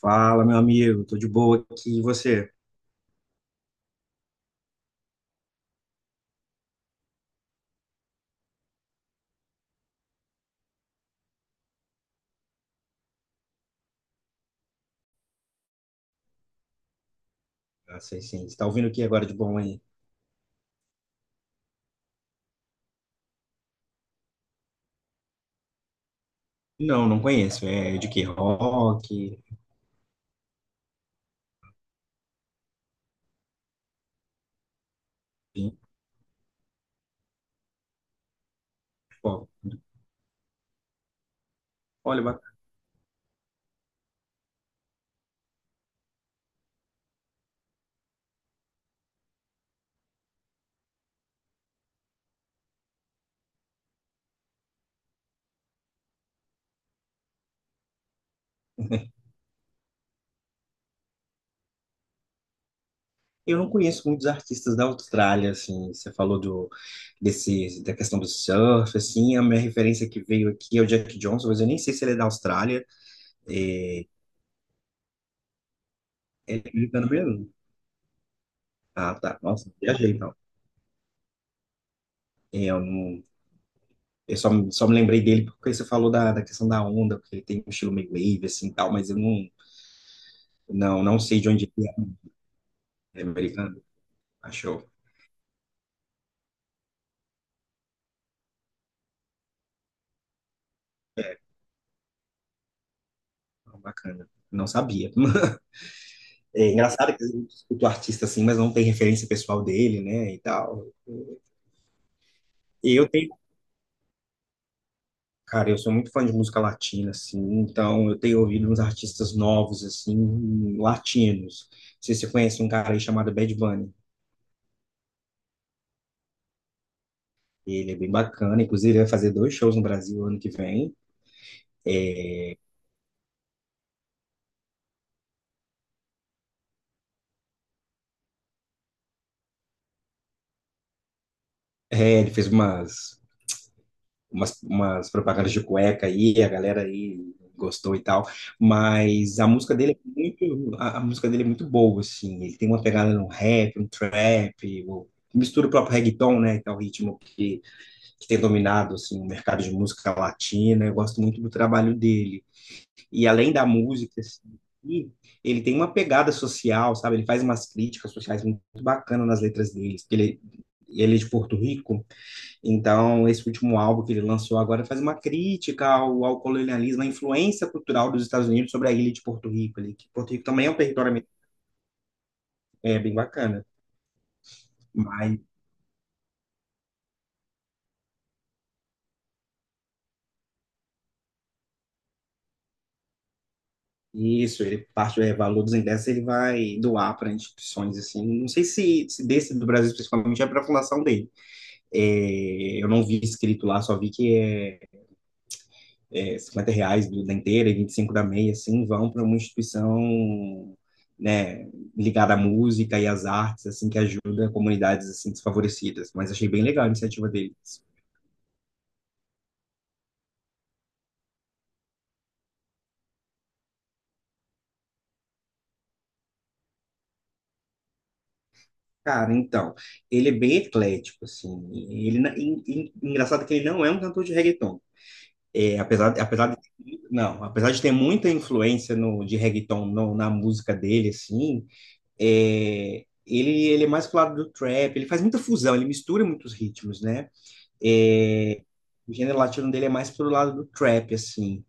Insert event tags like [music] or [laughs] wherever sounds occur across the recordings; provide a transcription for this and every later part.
Fala, meu amigo, tô de boa aqui, e você? Ah, sei sim, você tá ouvindo o que agora de bom aí? Não, não conheço, é de que rock, enfim, pô, olha, bacana. [laughs] Eu não conheço muitos artistas da Austrália, assim, você falou da questão do surf, assim, a minha referência que veio aqui é o Jack Johnson, mas eu nem sei se ele é da Austrália, é, ele é americano mesmo? Ah, tá, nossa, viajei, então, é, eu não... Eu só me lembrei dele porque você falou da questão da onda, porque ele tem um estilo meio wave, assim, tal, mas eu não, não, não sei de onde ele é, é americano. Achou. É, bacana. Não sabia. [laughs] É engraçado que eu escuto artista assim, mas não tem referência pessoal dele, né, e tal. E eu tenho, cara, eu sou muito fã de música latina, assim, então eu tenho ouvido uns artistas novos, assim, latinos. Não sei se você conhece um cara aí chamado Bad Bunny. Ele é bem bacana, inclusive ele vai fazer dois shows no Brasil ano que vem. É, ele fez umas propagandas de cueca aí, a galera aí gostou e tal, mas a música dele é a música dele é muito boa, assim, ele tem uma pegada no rap, no trap, o- mistura o próprio reggaeton, né, que é o ritmo que tem dominado, assim, o mercado de música latina, eu gosto muito do trabalho dele, e além da música, assim, e ele tem uma pegada social, sabe, ele faz umas críticas sociais muito bacanas nas letras dele, ele é de Porto Rico, então, esse último álbum que ele lançou agora faz uma crítica ao colonialismo, à influência cultural dos Estados Unidos sobre a ilha de Porto Rico, ali, que Porto Rico também é um território, é, bem bacana. Mas isso, ele valor dos ingressos, ele vai doar para instituições assim. Não sei se desse do Brasil principalmente é para a fundação dele. É, eu não vi escrito lá, só vi que R$ 50 do, da inteira e 25 da meia, assim, vão para uma instituição, né, ligada à música e às artes, assim, que ajuda comunidades assim desfavorecidas. Mas achei bem legal a iniciativa deles. Cara, então, ele é bem eclético, assim. E Ele, na- en- en- Engraçado que ele não é um cantor de reggaeton. É, apesar de, não, apesar de ter muita influência de reggaeton na música dele, assim, é, ele é mais pro lado do trap, ele faz muita fusão, ele mistura muitos ritmos, né? É, o gênero latino dele é mais pro lado do trap, assim.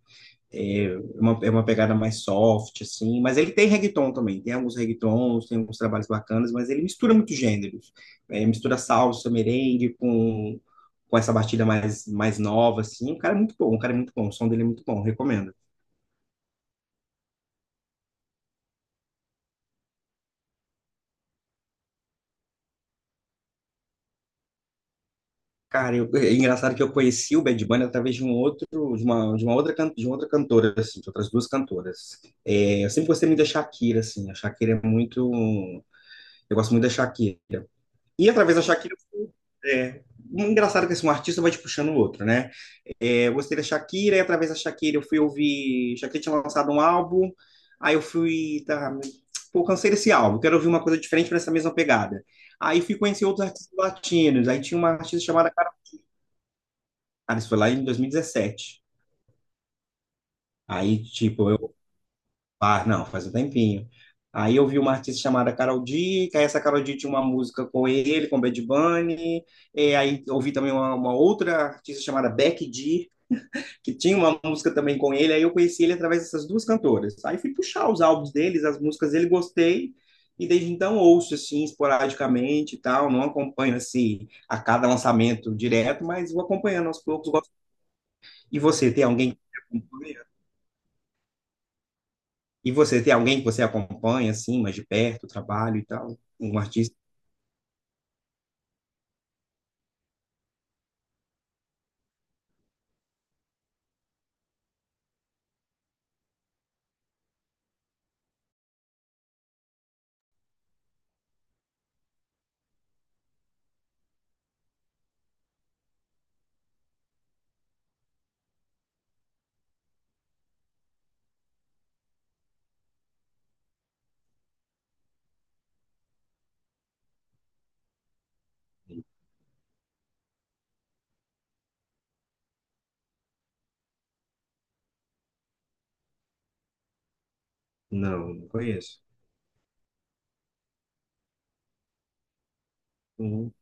É é uma pegada mais soft, assim. Mas ele tem reggaeton também. Tem alguns reggaetons, tem alguns trabalhos bacanas, mas ele mistura muito gêneros. É, mistura salsa, merengue com essa batida mais nova, assim. O cara é muito bom, o cara é muito bom. O som dele é muito bom, recomendo. Cara, é engraçado que eu conheci o Bad Bunny através de um outro, de uma outra, de uma outra cantora, assim, de outras duas cantoras. É, eu sempre gostei muito da Shakira, assim. A Shakira é muito, eu gosto muito da Shakira. E através da Shakira, é, um engraçado que assim, um artista vai te puxando o outro, né? É, eu gostei da Shakira, e através da Shakira eu fui ouvir. Shakira tinha lançado um álbum, aí eu fui. Tá, pô, cansei desse álbum, quero ouvir uma coisa diferente para mesma pegada. Aí fui conhecer outros artistas latinos, aí tinha uma artista chamada, cara, isso foi lá em 2017. Aí, tipo, eu Ah, não, faz um tempinho. Aí eu vi uma artista chamada Karol D, que aí essa Karol D tinha uma música com ele, com Bad Bunny. E aí eu ouvi também uma outra artista chamada Becky G, que tinha uma música também com ele. Aí eu conheci ele através dessas duas cantoras. Aí fui puxar os álbuns deles, as músicas dele, gostei. E desde então ouço, assim, esporadicamente e tal. Não acompanho, assim, a cada lançamento direto, mas vou acompanhando aos poucos. Gosto. E você, tem alguém que acompanha? E você tem alguém que você acompanha, assim, mais de perto, o trabalho e tal? Um artista? Não, não conheço. Hum.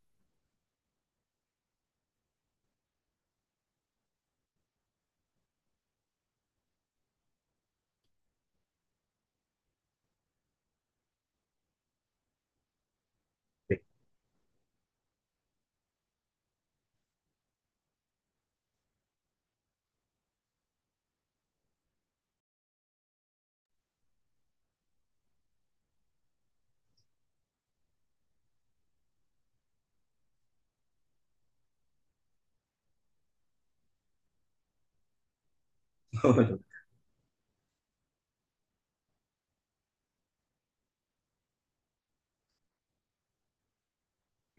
[laughs]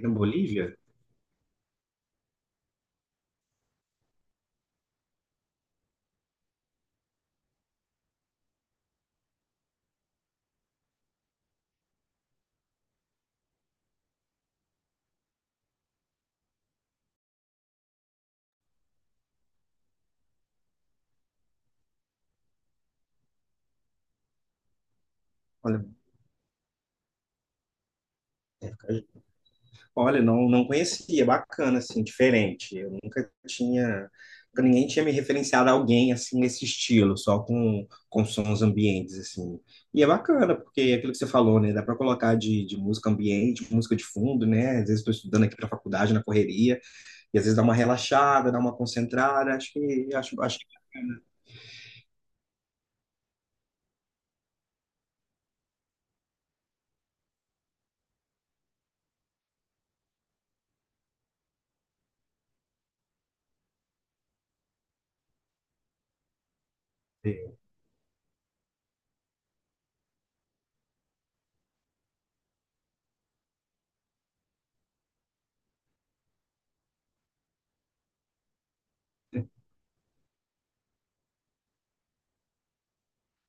Na Bolívia? Olha, é, olha, não, não conhecia. É bacana, assim, diferente. Eu nunca tinha, nunca ninguém tinha me referenciado a alguém, assim, nesse estilo, só com sons ambientes, assim. E é bacana, porque é aquilo que você falou, né, dá para colocar de música ambiente, música de fundo, né, às vezes estou estudando aqui para faculdade, na correria, e às vezes dá uma relaxada, dá uma concentrada, acho que é bacana ter.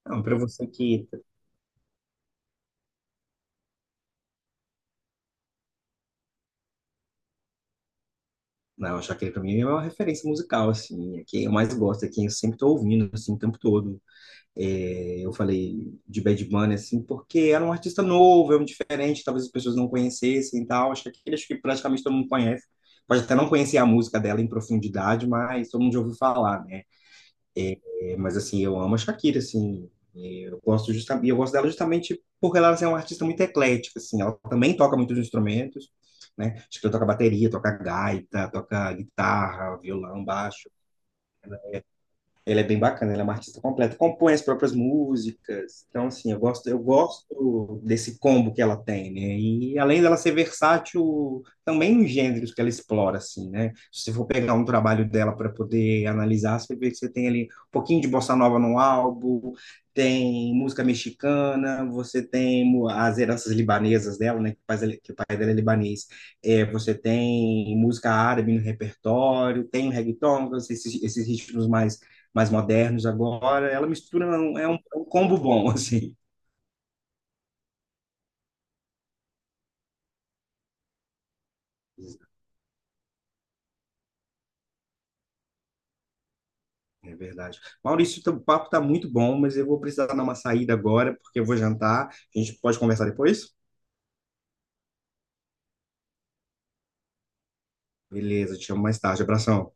Não, para você que. Tá, Não, a Shakira para mim é uma referência musical, assim. É quem eu mais gosto, é quem eu sempre tô ouvindo, assim, o tempo todo. É, eu falei de Bad Bunny, assim, porque era um artista novo, é um diferente, talvez as pessoas não conhecessem e tal. Acho que praticamente todo mundo conhece. Pode até não conhecer a música dela em profundidade, mas todo mundo já ouviu falar, né? É, mas assim, eu amo a Shakira, assim, e eu gosto dela justamente porque ela assim, é uma artista muito eclética, assim, ela também toca muitos instrumentos, né? Acho que ela toca bateria, toca gaita, toca guitarra, violão, baixo. Ele é bem bacana, ele é um artista completo, compõe as próprias músicas. Então, assim, eu gosto desse combo que ela tem, né? E além dela ser versátil, também nos gêneros que ela explora, assim, né? Se você for pegar um trabalho dela para poder analisar, você vê que você tem ali um pouquinho de bossa nova no álbum, tem música mexicana, você tem as heranças libanesas dela, né? Que o pai dela é libanês. É, você tem música árabe no repertório, tem o reggaeton, então, esses ritmos mais modernos agora. Ela mistura, é um combo bom, [laughs] assim. É verdade. Maurício, o papo está muito bom, mas eu vou precisar dar uma saída agora, porque eu vou jantar. A gente pode conversar depois? Beleza, te chamo mais tarde. Abração.